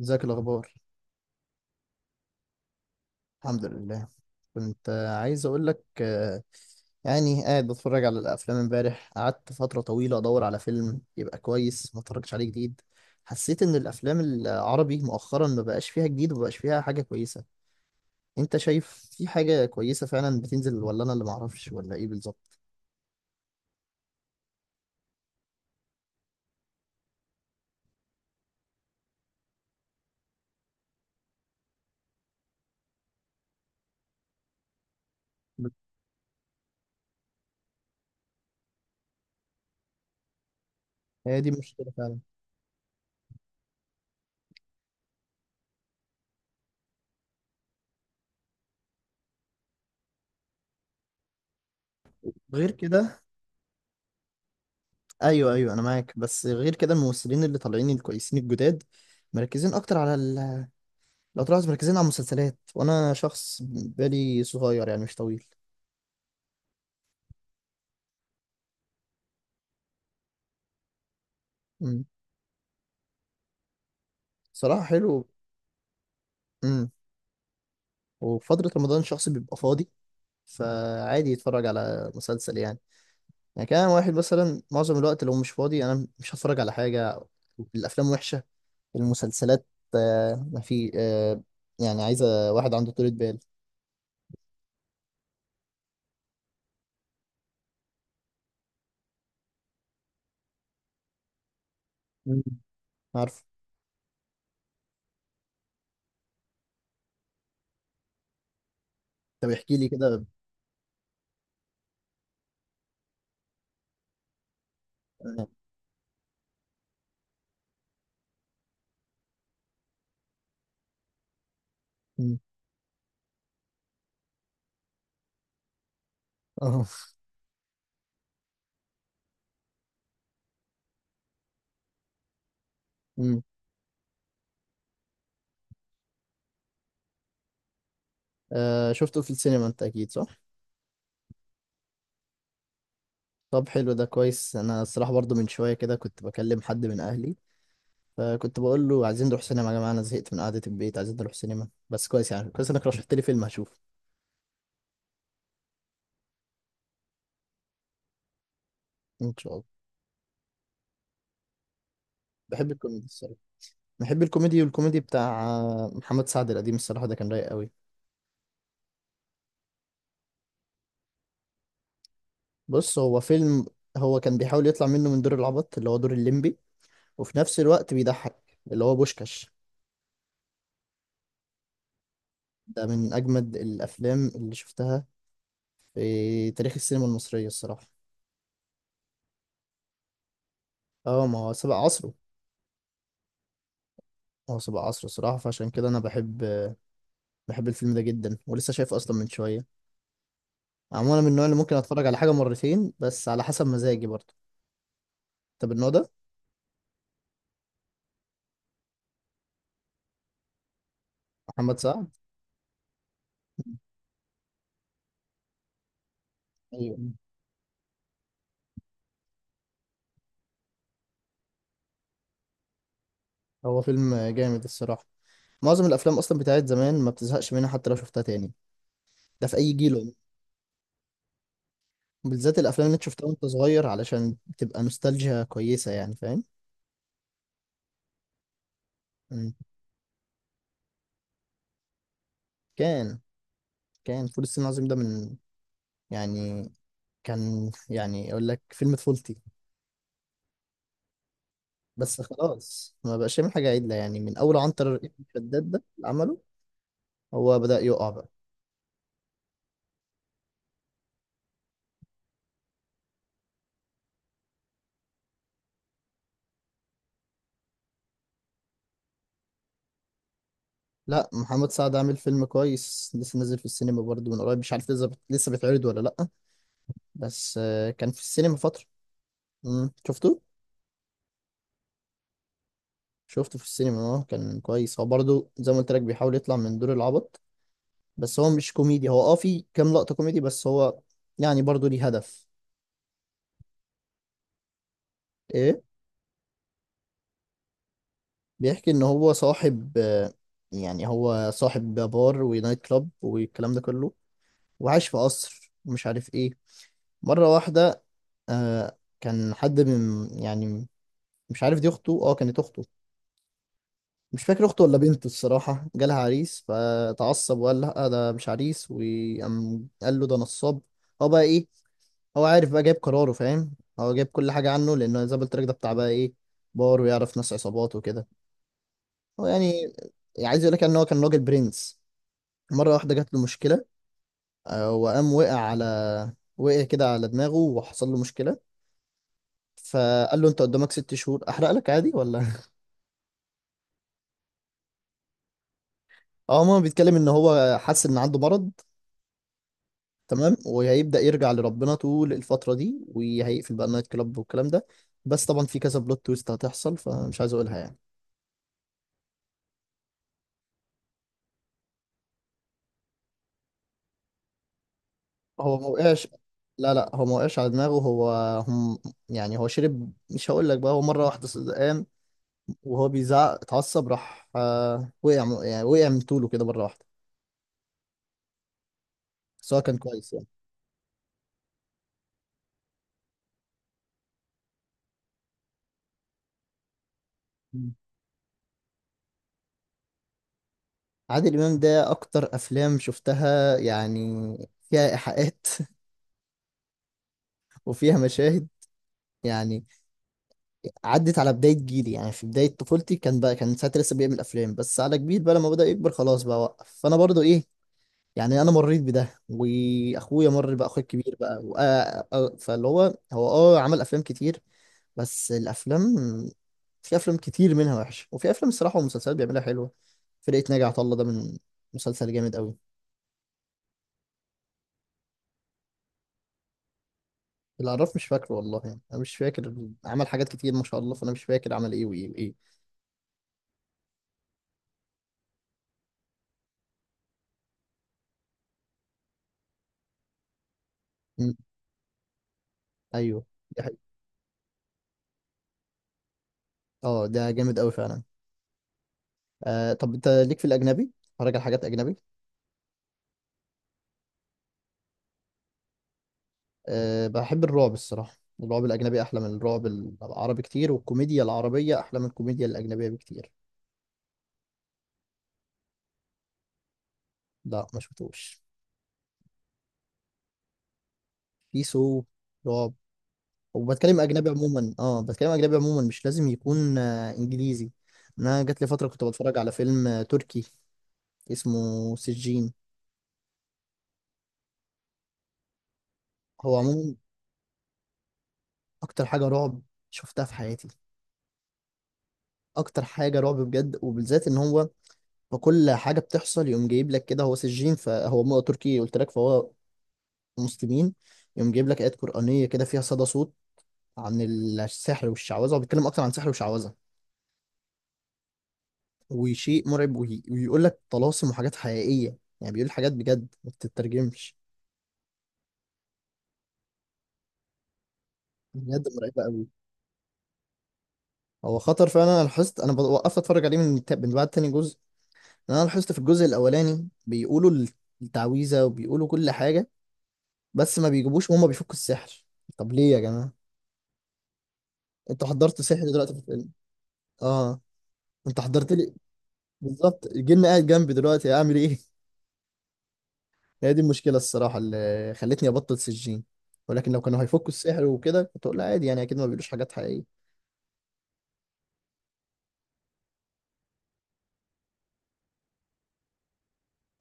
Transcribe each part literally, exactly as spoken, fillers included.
ازيك الاخبار؟ الحمد لله. كنت آه، عايز اقول لك آه، يعني قاعد بتفرج على الافلام، امبارح قعدت فتره طويله ادور على فيلم يبقى كويس ما اتفرجش عليه جديد. حسيت ان الافلام العربي مؤخرا ما بقاش فيها جديد وما بقاش فيها حاجه كويسه. انت شايف في حاجه كويسه فعلا بتنزل ولا انا اللي معرفش ولا ايه بالظبط؟ هي دي المشكله فعلا. غير كده، ايوه ايوه انا معاك، بس غير كده الممثلين اللي طالعين الكويسين الجداد مركزين اكتر على ال- لو طلعت مركزين على المسلسلات، وانا شخص بالي صغير يعني مش طويل. امم صراحة حلو. امم وفترة رمضان الشخص بيبقى فاضي، فعادي يتفرج على مسلسل يعني. يعني كان واحد مثلا معظم الوقت لو مش فاضي انا مش هتفرج على حاجة. الافلام وحشة، المسلسلات آه، ما في آه، يعني عايزة واحد عنده طولة بال. مم. عارف. طب احكي لي كده. آه. مم. اه. مم. آه، شفته في السينما انت اكيد صح؟ طب حلو ده كويس، انا الصراحه برضو من شويه كده كنت بكلم حد من اهلي، فكنت بقول له عايزين نروح سينما يا جماعه، انا زهقت من قعده البيت، عايزين نروح سينما. بس كويس يعني كويس انك رشحت لي فيلم هشوفه. ان شاء الله. بحب الكوميدي الصراحه. بحب الكوميدي، والكوميدي بتاع آه، محمد سعد القديم الصراحه ده كان رايق قوي. بص هو فيلم، هو كان بيحاول يطلع منه من دور العبط اللي هو دور الليمبي، وفي نفس الوقت بيضحك، اللي هو بوشكاش. ده من اجمد الافلام اللي شفتها في تاريخ السينما المصريه الصراحه. اه ما هو سبق عصره. هو سبع عصر صراحة، فعشان كده أنا بحب بحب الفيلم ده جدا ولسه شايفه أصلا من شوية. عموما أنا من النوع اللي ممكن أتفرج على حاجة مرتين بس على حسب مزاجي برضه. طب النوع ده. محمد سعد. أيوة. هو فيلم جامد الصراحة. معظم الأفلام أصلا بتاعت زمان ما بتزهقش منها حتى لو شفتها تاني. ده في أي جيل عموماً. بالذات الأفلام اللي أنت شفتها وأنت صغير علشان بتبقى نوستالجيا كويسة يعني فاهم. مم. كان كان فول الصين العظيم ده من، يعني، كان يعني أقول لك فيلم طفولتي. بس خلاص ما بقاش يعمل حاجة عدلة يعني، من أول عنتر ابن شداد ده اللي عمله هو بدأ يقع بقى. لا محمد سعد عامل فيلم كويس لسه نازل في السينما برضه من قريب، مش عارف لسه لسه بيتعرض ولا لأ. بس آه، كان في السينما فترة. مم. شفته؟ شفته في السينما، اه كان كويس، هو برضه زي ما قلت لك بيحاول يطلع من دور العبط. بس هو مش كوميدي، هو اه في كام لقطة كوميدي بس هو يعني برضه ليه هدف. ايه؟ بيحكي ان هو صاحب، آه، يعني هو صاحب بار ونايت كلاب والكلام ده كله، وعايش في قصر ومش عارف ايه. مرة واحدة آه كان حد من، يعني، مش عارف دي اخته، اه كانت اخته، مش فاكر اخته ولا بنته الصراحة، جالها عريس فتعصب وقال لا ده مش عريس، وقام قال له ده نصاب. هو بقى ايه، هو عارف بقى جايب قراره فاهم. هو جايب كل حاجة عنه لأنه زي ما قلت لك ده بتاع بقى ايه، بار ويعرف ناس عصابات وكده. هو يعني عايز يقول لك يعني ان هو كان راجل برنس. مرة واحدة جات له مشكلة، آه وقام وقع على، وقع كده على دماغه وحصل له مشكلة. فقال له انت قدامك ست شهور، احرق لك عادي ولا؟ اه ماما بيتكلم ان هو حاسس ان عنده مرض. تمام، وهيبدأ يرجع لربنا طول الفترة دي، وهيقفل بقى النايت كلاب والكلام ده. بس طبعا في كذا بلوت تويست هتحصل فمش عايز اقولها يعني. هو ما وقعش. لا لا هو ما وقعش على دماغه، هو هم يعني هو شرب، مش هقول لك بقى. هو مرة واحدة ص- قام وهو بيزعق اتعصب، راح آه وقع من- يعني وقع من طوله كده مرة واحدة. بس هو كان كويس. يعني عادل إمام ده أكتر أفلام شفتها يعني فيها إيحاءات وفيها مشاهد يعني. عدت على بداية جيلي يعني، في بداية طفولتي كان بقى كان ساعتها لسه بيعمل أفلام بس على كبير بقى، لما بدأ يكبر خلاص بقى وقف، فأنا برضو إيه، يعني أنا مريت بده وأخويا مر بقى، أخويا الكبير بقى وأ... أ- فاللي هو، هو أه عمل أفلام كتير، بس الأفلام، في أفلام كتير منها وحشة وفي أفلام الصراحة ومسلسلات بيعملها حلوة. فرقة ناجي عطا الله ده من، مسلسل جامد أوي. العراف مش فاكره والله يعني انا مش فاكر، عمل حاجات كتير ما شاء الله، فانا مش فاكر عمل ايه وايه وايه. مم. ايوه. دي حقيقة. اه ده جامد قوي فعلا. آه طب انت ليك في الاجنبي، اتفرج على حاجات اجنبي؟ آه بحب الرعب الصراحه. الرعب الاجنبي احلى من الرعب العربي كتير، والكوميديا العربيه احلى من الكوميديا الاجنبيه بكتير. لا ما شفتوش. في سو، رعب. وبتكلم اجنبي عموما، اه بتكلم اجنبي عموما، مش لازم يكون آه انجليزي. انا جات لي فتره كنت بتفرج على فيلم آه، تركي اسمه سجين. هو عموما اكتر حاجه رعب شفتها في حياتي. اكتر حاجه رعب بجد، وبالذات ان هو، فكل حاجه بتحصل يقوم جايب لك كده. هو سجين، فهو م- تركي قلت لك، فهو مسلمين، يقوم جايب لك ايات قرانيه كده فيها صدى صوت، عن السحر والشعوذه. هو بيتكلم اكتر عن سحر وشعوذه وشيء مرعب، وهي- ويقول لك طلاسم وحاجات حقيقيه يعني بيقول حاجات بجد ما بتترجمش. بجد مرعبه قوي. هو خطر فعلا، انا لاحظت، انا بد- وقفت اتفرج عليه من تا- من بعد تاني جزء. لأن انا لاحظت في الجزء الاولاني بيقولوا التعويذه وبيقولوا كل حاجه، بس ما بيجيبوش وهم بيفكوا السحر. طب ليه يا جماعة، انتوا حضرتوا سحر دلوقتي في الفيلم؟ اه انت حضرت لي. بالظبط الجن قاعد جنبي دلوقتي اعمل ايه؟ هي دي المشكلة الصراحة اللي خلتني ابطل سجين. ولكن لو كانوا هيفكوا السحر وكده كنت اقول لا عادي يعني، اكيد ما بيقولوش حاجات حقيقية.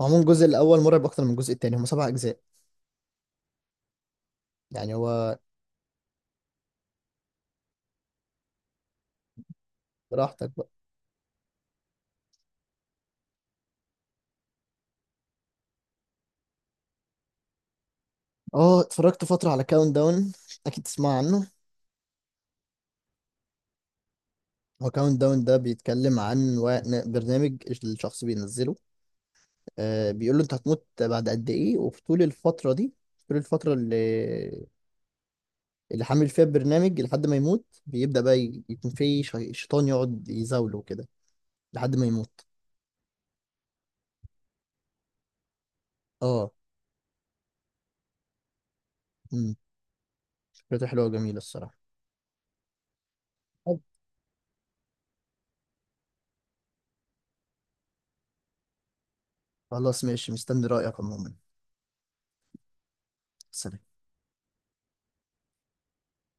عموما الجزء الاول مرعب اكتر من الجزء التاني، هم سبع اجزاء يعني هو. براحتك بقى. اه اتفرجت فترة على كاونت داون، اكيد تسمع عنه. هو كاونت داون ده بيتكلم عن وا- برنامج، الشخص بينزله، آه، بيقول له انت هتموت بعد قد ايه، وفي طول الفترة دي، طول الفترة اللي اللي حامل فيها البرنامج لحد ما يموت بيبدأ بقى ي- يكون في شي- شيطان يقعد يزاوله كده لحد ما يموت. اه. امم فكرته حلوة وجميلة الصراحة. طب، خلاص ماشي مستني رأيك عموما. سلام.